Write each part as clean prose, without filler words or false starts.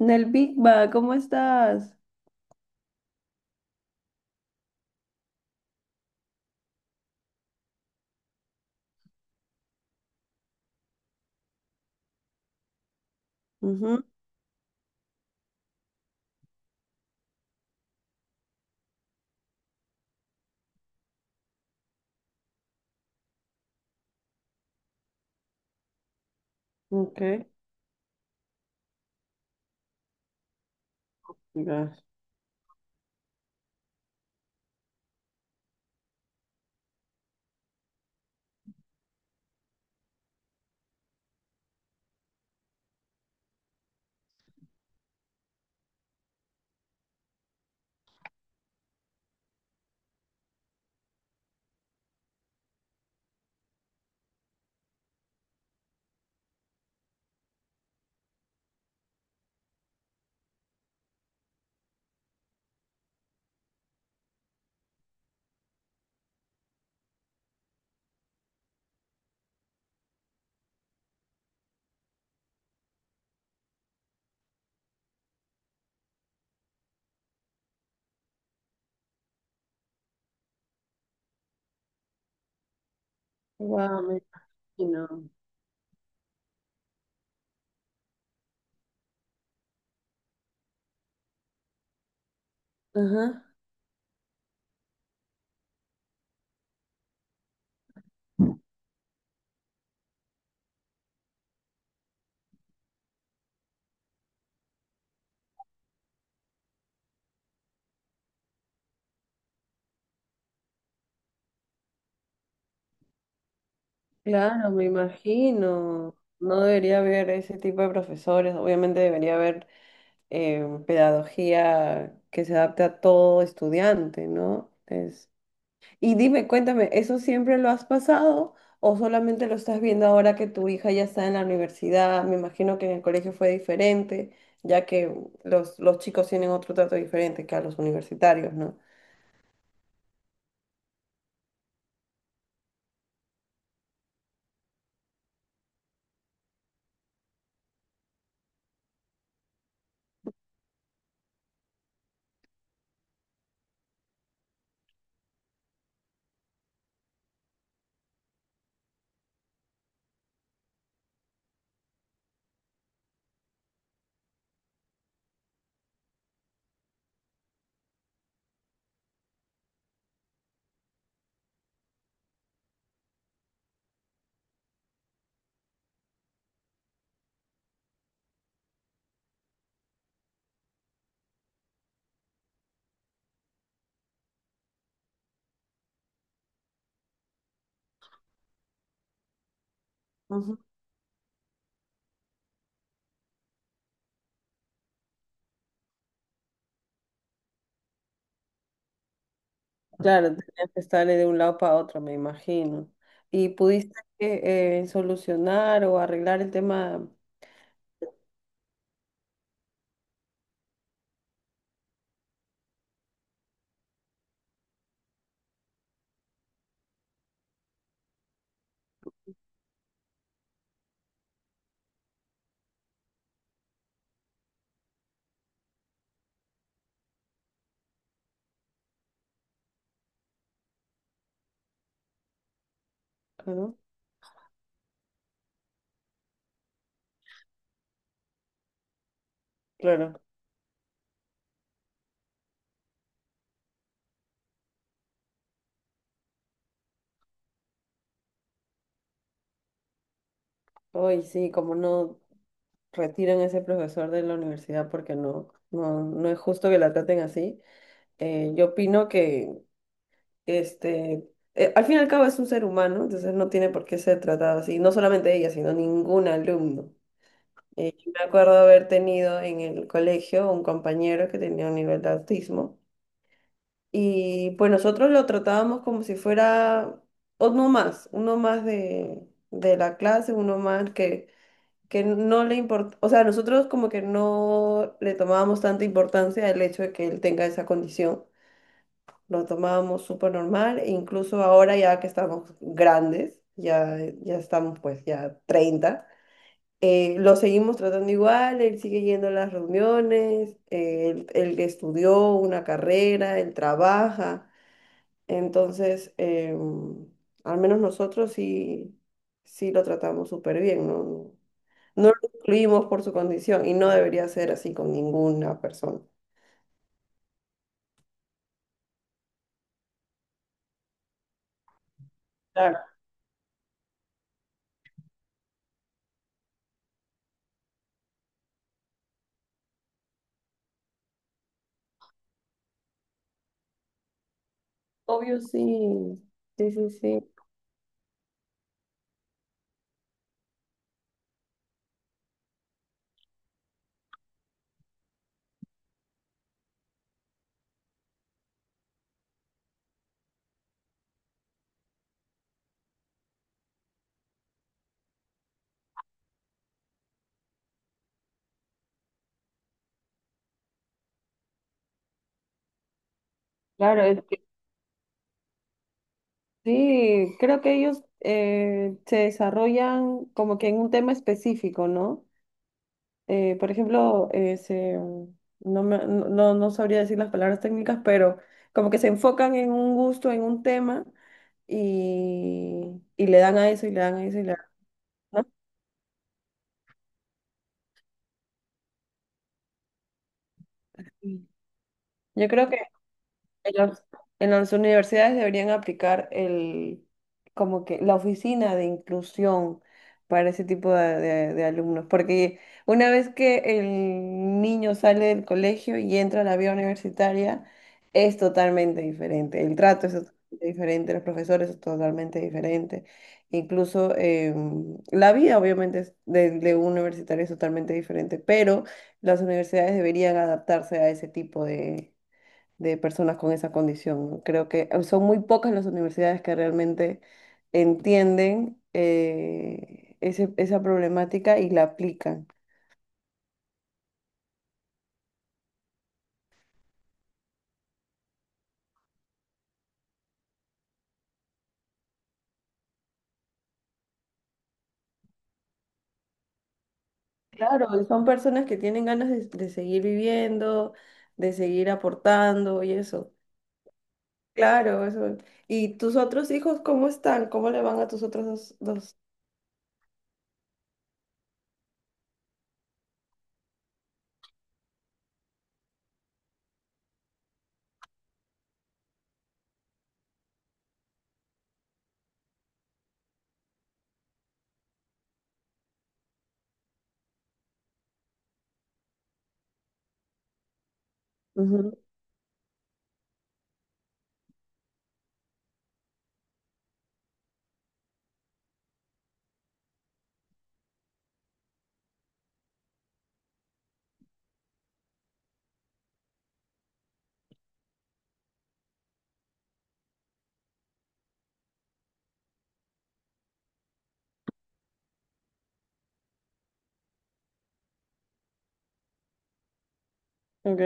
Nel Big Bang, ¿cómo estás? Ujú. Ok. Ya. Wow, me imagino. Ajá. Claro, me imagino. No debería haber ese tipo de profesores. Obviamente debería haber pedagogía que se adapte a todo estudiante, ¿no? Es... Y dime, cuéntame, ¿eso siempre lo has pasado o solamente lo estás viendo ahora que tu hija ya está en la universidad? Me imagino que en el colegio fue diferente, ya que los chicos tienen otro trato diferente que a los universitarios, ¿no? Ujú. Claro, tenías que estarle de un lado para otro, me imagino. ¿Y pudiste solucionar o arreglar el tema? Claro. Claro. Hoy sí, como no retiran a ese profesor de la universidad? Porque no, no, no es justo que la traten así. Yo opino que este, al fin y al cabo es un ser humano, entonces no tiene por qué ser tratado así, no solamente ella, sino ningún alumno. Yo me acuerdo haber tenido en el colegio un compañero que tenía un nivel de autismo, y pues nosotros lo tratábamos como si fuera uno más, de la clase, uno más que no le importa, o sea, nosotros como que no le tomábamos tanta importancia el hecho de que él tenga esa condición. Lo tomábamos súper normal, e incluso ahora ya que estamos grandes, ya, ya estamos pues ya treinta. Lo seguimos tratando igual, él sigue yendo a las reuniones, él estudió una carrera, él trabaja. entonces em, Al menos nosotros sí, sí lo tratamos súper bien, ¿no? No lo excluimos por su condición y no debería ser así con ninguna persona. Claro. Obvio, sí. Sí, sí, sí. Claro, es que sí, creo que ellos se desarrollan como que en un tema específico, ¿no? Por ejemplo, no, no, no sabría decir las palabras técnicas, pero como que se enfocan en un gusto, en un tema, y le dan a eso, y le dan a eso, y le dan, ¿no? Sí. Yo creo que... En las, en las universidades deberían aplicar el, como que la oficina de inclusión para ese tipo de, de alumnos, porque una vez que el niño sale del colegio y entra a la vida universitaria, es totalmente diferente. El trato es totalmente diferente, los profesores es totalmente diferente. Incluso la vida, obviamente, es de un universitario es totalmente diferente, pero las universidades deberían adaptarse a ese tipo de personas con esa condición, ¿no? Creo que son muy pocas las universidades que realmente entienden esa problemática y la aplican. Claro, y son personas que tienen ganas de seguir viviendo, de seguir aportando y eso. Claro, eso. ¿Y tus otros hijos cómo están? ¿Cómo le van a tus otros dos? ¿Dos? Ujú. Ok.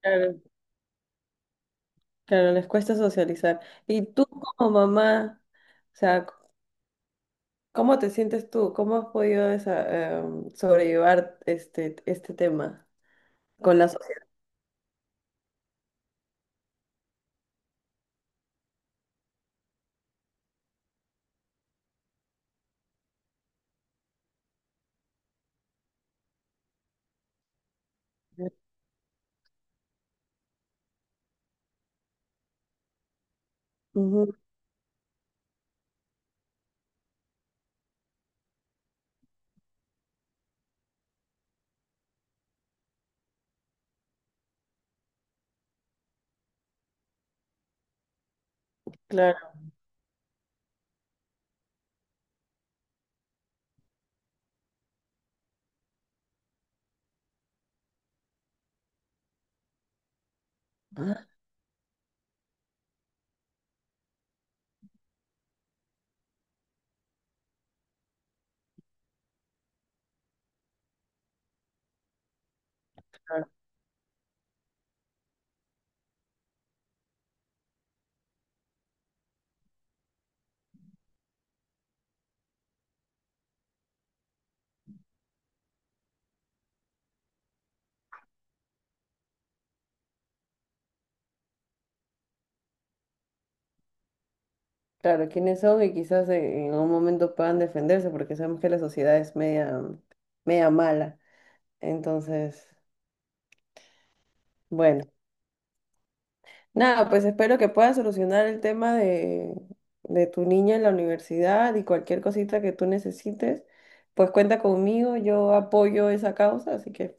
Claro, claro, les cuesta socializar. ¿Y tú como mamá? O sea, ¿cómo te sientes tú? ¿Cómo has podido sobrellevar este tema con la sociedad? Ujú. Claro. Ah. Claro, claro, quiénes son, y quizás en un momento puedan defenderse porque sabemos que la sociedad es media, media mala. Entonces, bueno, nada, pues espero que puedas solucionar el tema de tu niña en la universidad, y cualquier cosita que tú necesites, pues cuenta conmigo, yo apoyo esa causa, así que...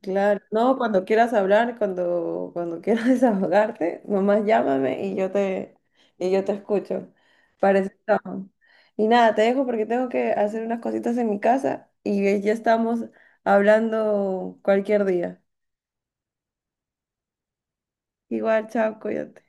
Claro, no, cuando quieras hablar, cuando, cuando quieras desahogarte, nomás llámame y yo te escucho. Parece que estamos. Y nada, te dejo porque tengo que hacer unas cositas en mi casa y ya estamos hablando cualquier día. Igual, chao, cuídate.